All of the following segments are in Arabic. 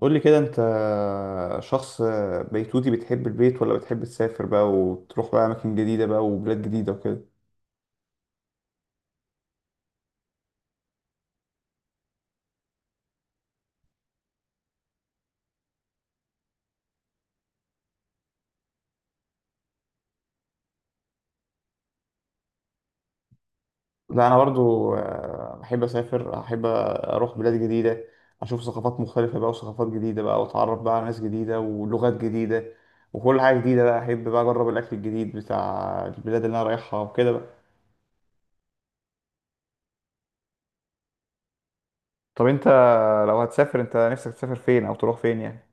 قول لي كده انت شخص بيتوتي، بتحب البيت ولا بتحب تسافر بقى وتروح بقى اماكن جديدة بقى وبلاد جديدة وكده؟ لا، انا برضو بحب اسافر، احب اروح بلاد جديدة، اشوف ثقافات مختلفة بقى وثقافات جديدة بقى، واتعرف بقى على ناس جديدة ولغات جديدة وكل حاجة جديدة بقى. احب بقى اجرب الاكل الجديد بتاع البلاد اللي انا رايحها وكده بقى. طب انت لو هتسافر انت نفسك تسافر فين او تروح فين يعني؟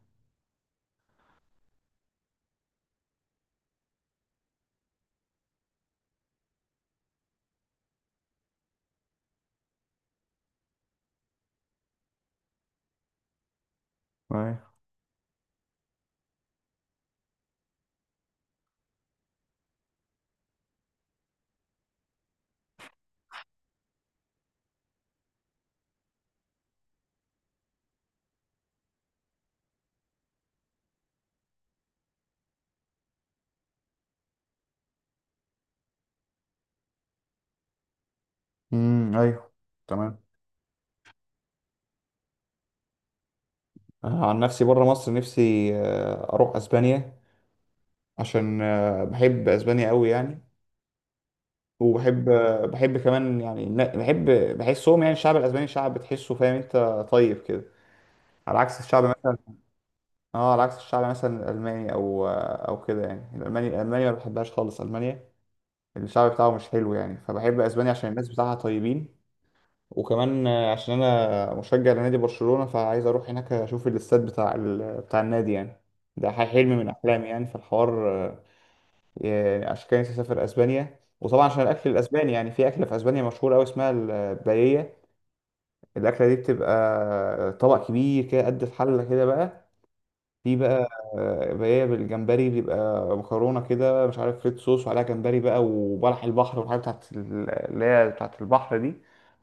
ايوه. امم. ايوه. تمام. أنا عن نفسي بره مصر نفسي اروح اسبانيا، عشان بحب اسبانيا قوي يعني. وبحب آه، بحب كمان، يعني لا، بحب بحسهم، يعني الشعب الاسباني شعب بتحسه، فاهم انت؟ طيب كده، على عكس الشعب مثلا. اه، على عكس الشعب مثلا الالماني او كده، يعني الالماني ما بحبهاش خالص. المانيا الشعب بتاعه مش حلو يعني، فبحب اسبانيا عشان الناس بتاعها طيبين. وكمان عشان انا مشجع لنادي برشلونة، فعايز اروح هناك اشوف الاستاد بتاع النادي يعني. ده حلم من احلامي يعني في الحوار. يعني عشان كده نفسي اسافر اسبانيا، وطبعا عشان الاكل الاسباني، يعني في اكله في اسبانيا مشهوره قوي اسمها الباييه. الاكله دي بتبقى طبق كبير كده قد الحله كده بقى، في بقى بالجمبري، بيبقى مكرونة كده مش عارف، ريد صوص وعليها جمبري بقى وبلح البحر والحاجات اللي هي بتاعت البحر دي،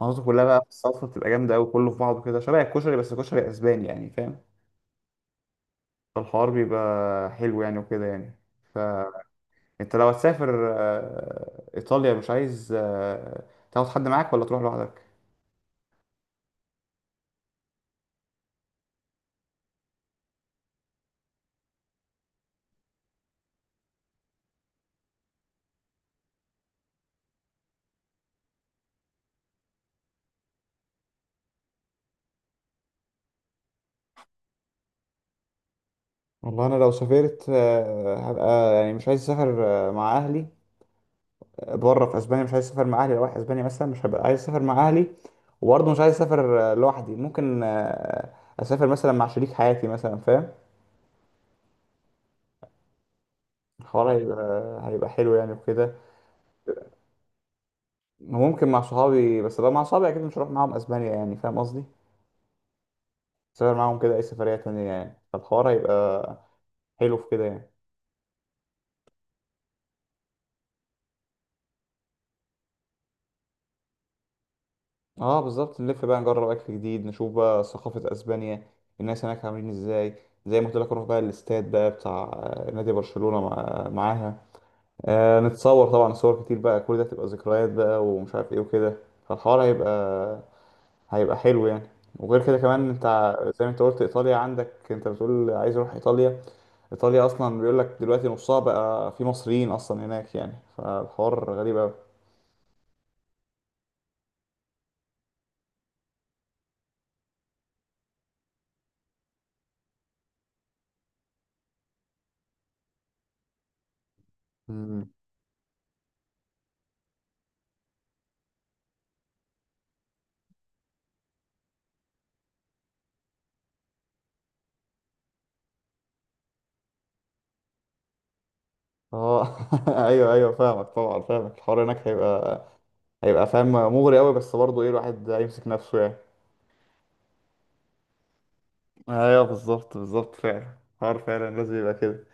محطوطة كلها بقى في الصلصة، بتبقى جامدة أوي، كله في بعضه كده شبه الكشري بس كشري أسباني يعني، فاهم؟ فالحوار بيبقى حلو يعني وكده يعني. فأنت لو هتسافر إيطاليا، مش عايز تاخد حد معاك ولا تروح لوحدك؟ والله أنا لو سافرت هبقى يعني مش عايز أسافر مع أهلي بره في اسبانيا. مش عايز اسافر مع اهلي، لو رايح اسبانيا مثلا مش هبقى عايز اسافر مع اهلي، وبرضه مش عايز اسافر لوحدي. ممكن اسافر مثلا مع شريك حياتي مثلا، فاهم؟ الحوار هيبقى حلو يعني وكده. وممكن مع صحابي، بس لو مع صحابي اكيد مش هروح معاهم اسبانيا يعني، فاهم قصدي؟ اسافر معاهم كده اي سفرية تانية يعني، فالحوار هيبقى حلو في كده يعني. اه بالظبط، نلف بقى، نجرب اكل جديد، نشوف بقى ثقافة اسبانيا، الناس هناك عاملين ازاي. زي ما قلت لك، اروح بقى الاستاد بقى بتاع نادي برشلونة، معاها. نتصور طبعا صور كتير بقى، كل ده تبقى ذكريات بقى ومش عارف ايه وكده. فالحوار هيبقى حلو يعني. وغير كده كمان، انت زي ما انت قلت ايطاليا عندك، انت بتقول عايز اروح ايطاليا. ايطاليا اصلا بيقول لك دلوقتي نصها بقى في مصريين اصلا هناك يعني، فالحوار غريب قوي. مم. اه، ايوه ايوه، فاهمك طبعا فاهمك. الحوار هناك هيبقى فاهم مغري قوي، بس برضه ايه، الواحد هيمسك نفسه يعني. ايوه بالظبط بالظبط، فعلا حوار فعلا لازم يبقى كده.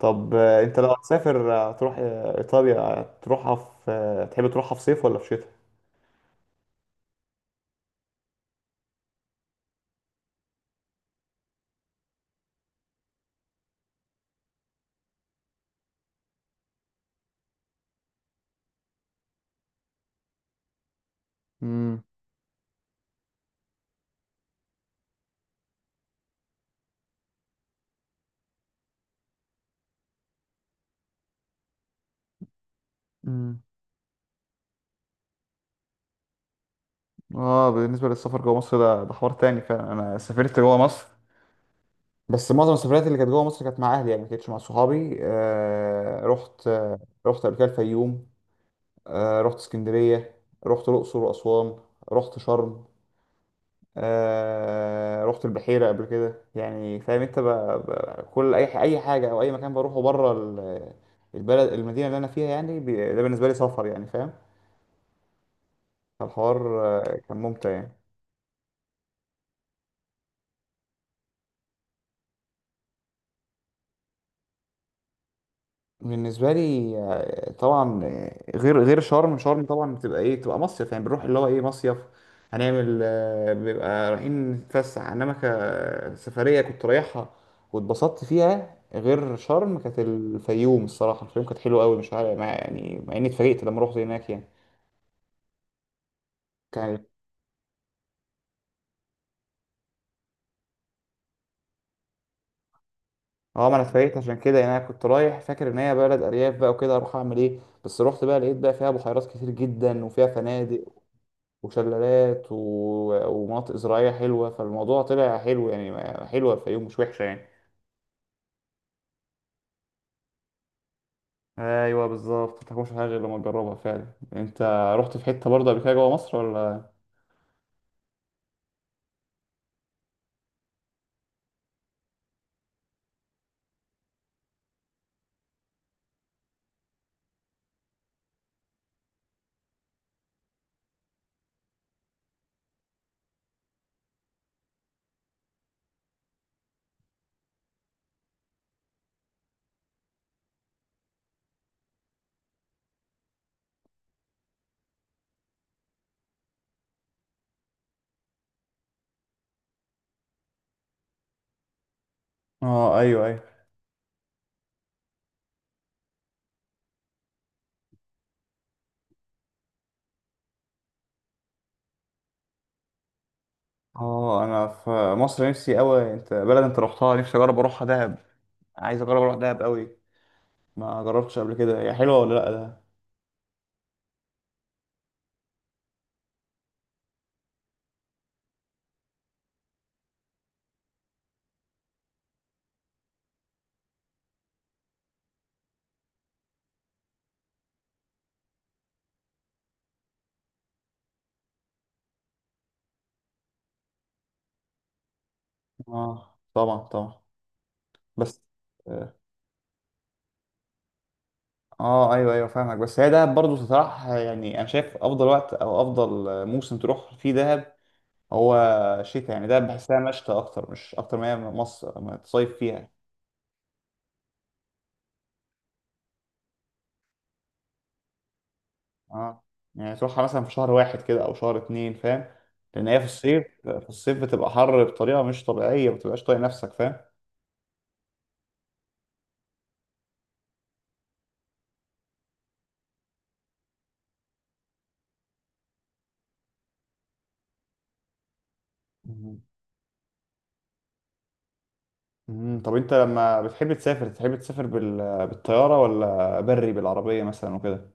طب انت لو هتسافر هتروح ايطاليا، هتروحها في تحب تروحها في صيف ولا في شتاء؟ امم. امم. اه، بالنسبه للسفر جوه مصر، ده حوار تاني فعلا. انا سافرت جوه مصر، بس معظم السفريات اللي كانت جوه مصر كانت مع اهلي يعني، ما كانتش مع صحابي. رحت قبل كده الفيوم، آه رحت اسكندريه، رحت الاقصر واسوان، رحت شرم، رحت البحيرة قبل كده يعني، فاهم انت؟ بقى كل اي حاجة او اي مكان بروحه بره البلد المدينة اللي انا فيها يعني، ده بالنسبة لي سفر يعني، فاهم؟ فالحوار كان ممتع يعني. بالنسبه لي طبعا غير شرم طبعا، بتبقى ايه، بتبقى مصيف يعني، بنروح اللي هو ايه مصيف، هنعمل بيبقى رايحين نتفسح. انما كسفريه كنت رايحها واتبسطت فيها غير شرم، كانت الفيوم. الصراحه الفيوم كانت حلوه قوي، مش عارف، مع يعني اني اتفاجئت لما رحت هناك يعني. كانت، اه ما انا اتفاجئت عشان كده يعني. انا كنت رايح فاكر ان هي بلد ارياف بقى وكده، اروح اعمل ايه؟ بس رحت بقى لقيت بقى فيها بحيرات كتير جدا، وفيها فنادق وشلالات ومناطق زراعية حلوة. فالموضوع طلع حلو يعني. حلوة الفيوم، مش وحشة يعني. ايوه بالظبط، ما تاكلش حاجة غير لما تجربها فعلا. انت رحت في حتة برضه قبل كده جوه مصر ولا؟ اه ايوه ايوه. اه، انا في مصر نفسي قوي. انت بلد انت رحتها نفسي اجرب اروحها، دهب. عايز اجرب اروح دهب قوي. ما جربتش قبل كده، هي حلوة ولا لا ده؟ اه طبعا طبعا. بس اه ايوه ايوه، فاهمك. بس هي دهب برضه تطرح يعني، انا شايف افضل وقت او افضل موسم تروح فيه دهب، هو شتاء يعني. ده بحسها مشتى اكتر، مش اكتر ما هي مصر ما تصيف فيها. اه يعني تروحها مثلا في شهر واحد كده او شهر اتنين، فاهم؟ لان هي في الصيف بتبقى حر بطريقه مش طبيعيه، ما بتبقاش طايق نفسك، فاهم؟ مم. مم. طب انت لما بتحب تسافر، تحب تسافر بالطياره ولا بري بالعربيه مثلا وكده؟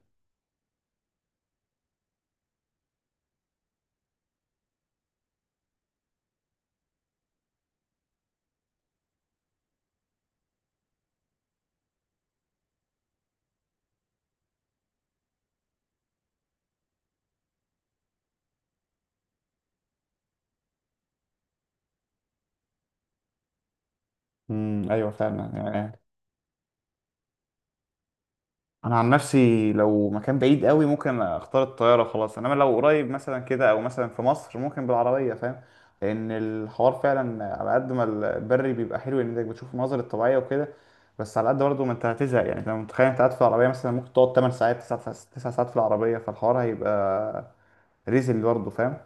امم، ايوه فعلا يعني. انا عن نفسي لو مكان بعيد قوي، ممكن اختار الطياره خلاص. انما لو قريب مثلا كده، او مثلا في مصر، ممكن بالعربيه، فاهم؟ لان الحوار فعلا على قد ما البري بيبقى حلو، ان انت بتشوف المناظر الطبيعيه وكده، بس على قد برضه ما انت هتزهق يعني. انت لو متخيل انت قاعد في العربيه مثلا، ممكن تقعد 8 ساعات، 9 ساعات، 9 ساعات في العربيه، فالحوار هيبقى ريزل برضه، فاهم؟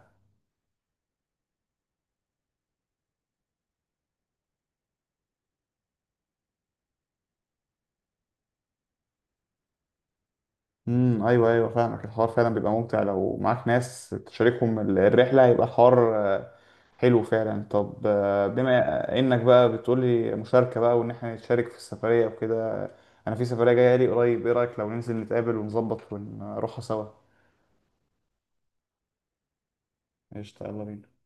امم، ايوه ايوه، فاهمك. الحوار فعلا بيبقى ممتع لو معاك ناس تشاركهم الرحله، هيبقى الحوار حلو فعلا. طب بما انك بقى بتقولي مشاركه بقى وان احنا نتشارك في السفريه وكده، انا في سفريه جايه لي قريب، ايه رايك لو ننزل نتقابل ونظبط ونروحها سوا؟ قشطه، يلا بينا.